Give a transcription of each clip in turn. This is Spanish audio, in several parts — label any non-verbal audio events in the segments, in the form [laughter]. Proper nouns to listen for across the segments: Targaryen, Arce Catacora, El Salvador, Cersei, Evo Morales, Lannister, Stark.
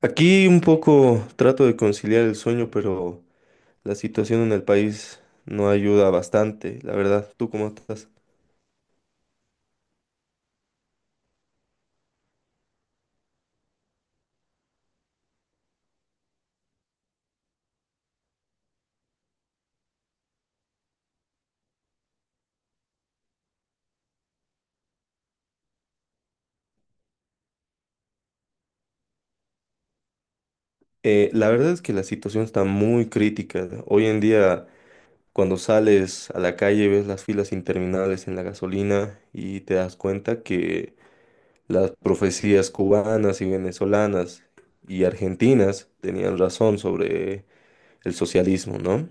Aquí un poco trato de conciliar el sueño, pero la situación en el país no ayuda bastante, la verdad. ¿Tú cómo estás? La verdad es que la situación está muy crítica. Hoy en día, cuando sales a la calle, ves las filas interminables en la gasolina y te das cuenta que las profecías cubanas y venezolanas y argentinas tenían razón sobre el socialismo, ¿no?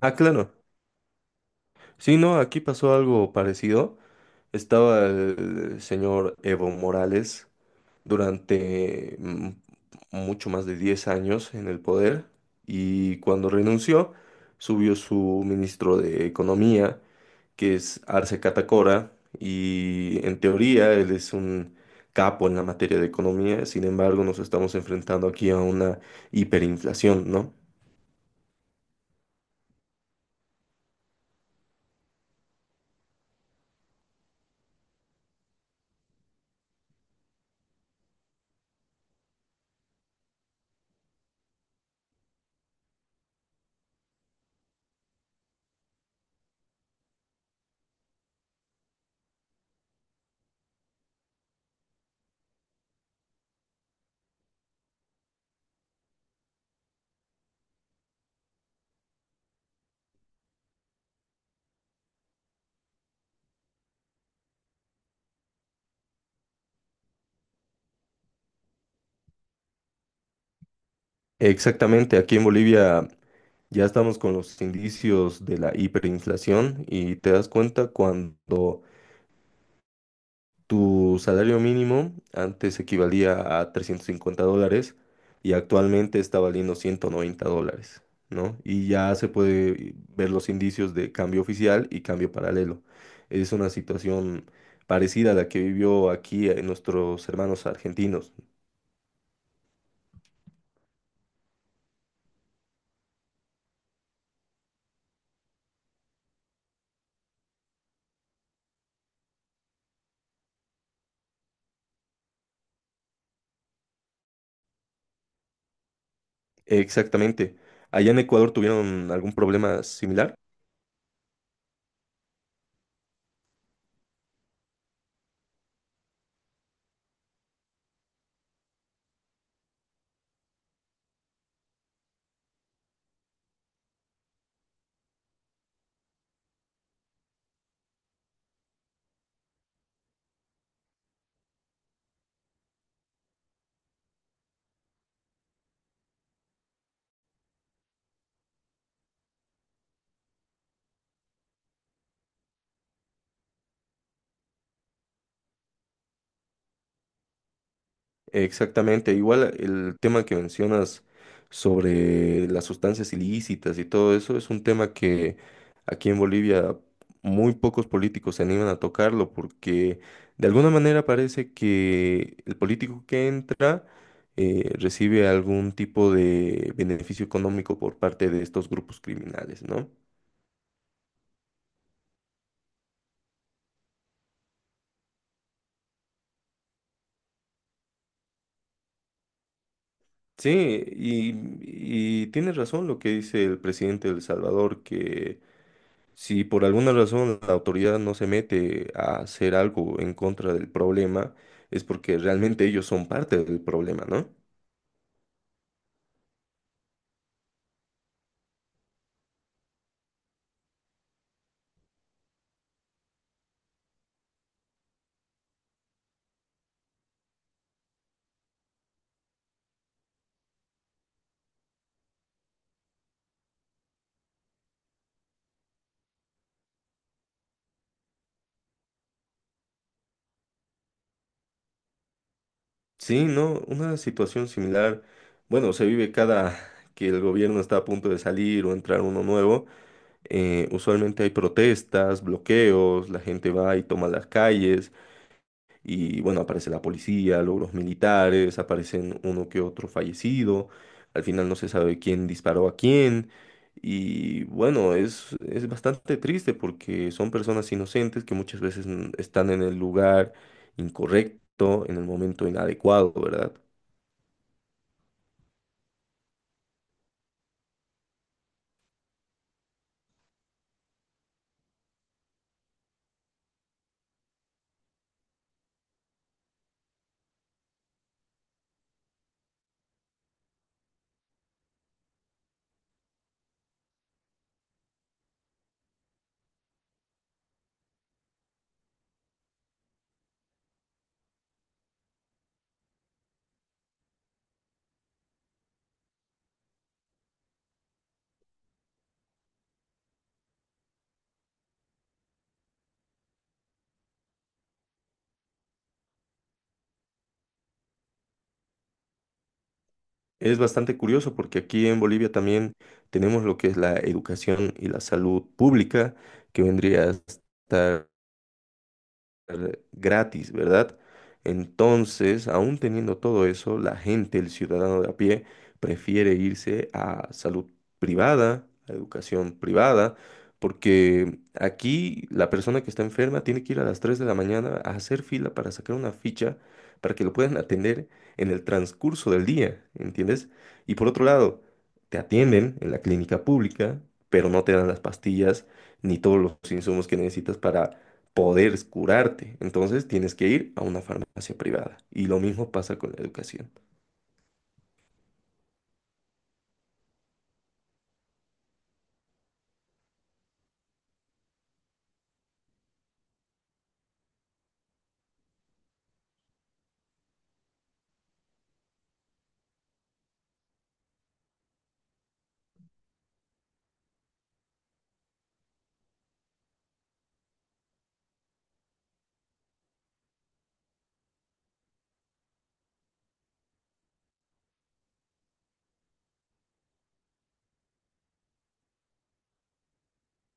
Ah, claro. Sí, no, aquí pasó algo parecido. Estaba el señor Evo Morales durante mucho más de 10 años en el poder, y cuando renunció subió su ministro de Economía, que es Arce Catacora, y en teoría él es un capo en la materia de economía. Sin embargo, nos estamos enfrentando aquí a una hiperinflación, ¿no? Exactamente, aquí en Bolivia ya estamos con los indicios de la hiperinflación, y te das cuenta cuando tu salario mínimo antes equivalía a 350 dólares y actualmente está valiendo 190 dólares, ¿no? Y ya se puede ver los indicios de cambio oficial y cambio paralelo. Es una situación parecida a la que vivió aquí nuestros hermanos argentinos. Exactamente. ¿Allá en Ecuador tuvieron algún problema similar? Exactamente, igual el tema que mencionas sobre las sustancias ilícitas y todo eso es un tema que aquí en Bolivia muy pocos políticos se animan a tocarlo, porque de alguna manera parece que el político que entra recibe algún tipo de beneficio económico por parte de estos grupos criminales, ¿no? Sí, y tienes razón lo que dice el presidente de El Salvador, que si por alguna razón la autoridad no se mete a hacer algo en contra del problema, es porque realmente ellos son parte del problema, ¿no? Sí, no, una situación similar, bueno, se vive cada [laughs] que el gobierno está a punto de salir o entrar uno nuevo. Usualmente hay protestas, bloqueos, la gente va y toma las calles. Y bueno, aparece la policía, luego los militares, aparecen uno que otro fallecido. Al final no se sabe quién disparó a quién. Y bueno, es bastante triste porque son personas inocentes que muchas veces están en el lugar incorrecto, en el momento inadecuado, ¿verdad? Es bastante curioso porque aquí en Bolivia también tenemos lo que es la educación y la salud pública, que vendría a estar gratis, ¿verdad? Entonces, aún teniendo todo eso, la gente, el ciudadano de a pie, prefiere irse a salud privada, a educación privada, porque aquí la persona que está enferma tiene que ir a las 3 de la mañana a hacer fila para sacar una ficha para que lo puedan atender en el transcurso del día, ¿entiendes? Y por otro lado, te atienden en la clínica pública, pero no te dan las pastillas ni todos los insumos que necesitas para poder curarte. Entonces tienes que ir a una farmacia privada. Y lo mismo pasa con la educación.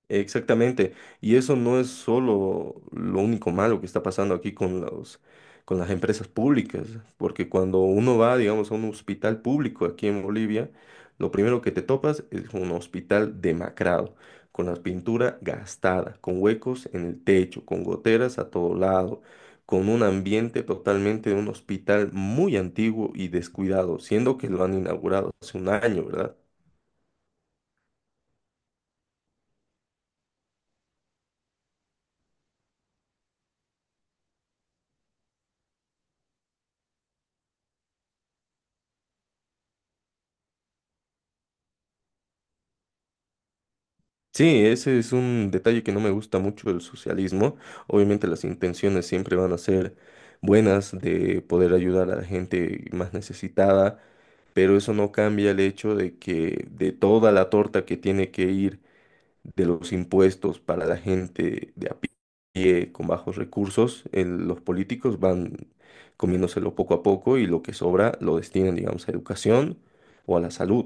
Exactamente, y eso no es solo lo único malo que está pasando aquí con las empresas públicas, porque cuando uno va, digamos, a un hospital público aquí en Bolivia, lo primero que te topas es un hospital demacrado, con la pintura gastada, con huecos en el techo, con goteras a todo lado, con un ambiente totalmente de un hospital muy antiguo y descuidado, siendo que lo han inaugurado hace un año, ¿verdad? Sí, ese es un detalle que no me gusta mucho del socialismo. Obviamente las intenciones siempre van a ser buenas de poder ayudar a la gente más necesitada, pero eso no cambia el hecho de que de toda la torta que tiene que ir de los impuestos para la gente de a pie con bajos recursos, los políticos van comiéndoselo poco a poco, y lo que sobra lo destinan, digamos, a educación o a la salud.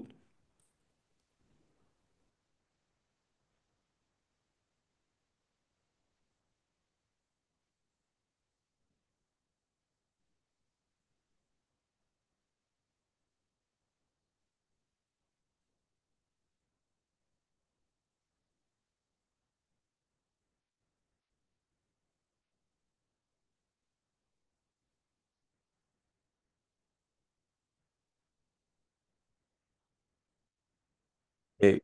Eh,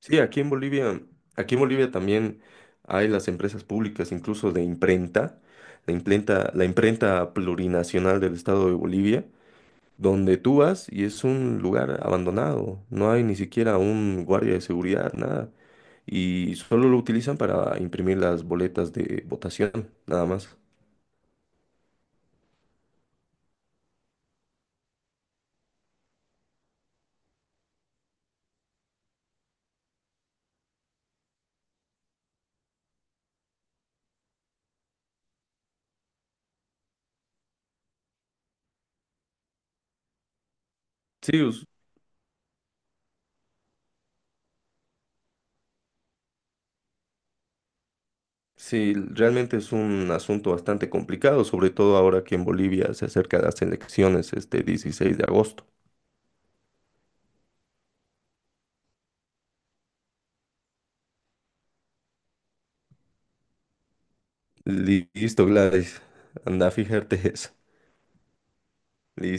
Sí, aquí en Bolivia también hay las empresas públicas, incluso de imprenta, la imprenta plurinacional del estado de Bolivia, donde tú vas y es un lugar abandonado, no hay ni siquiera un guardia de seguridad, nada, y solo lo utilizan para imprimir las boletas de votación, nada más. Sí, us- sí, realmente es un asunto bastante complicado, sobre todo ahora que en Bolivia se acerca las elecciones este 16 de agosto. Listo, Gladys. Anda a fijarte eso. Listo.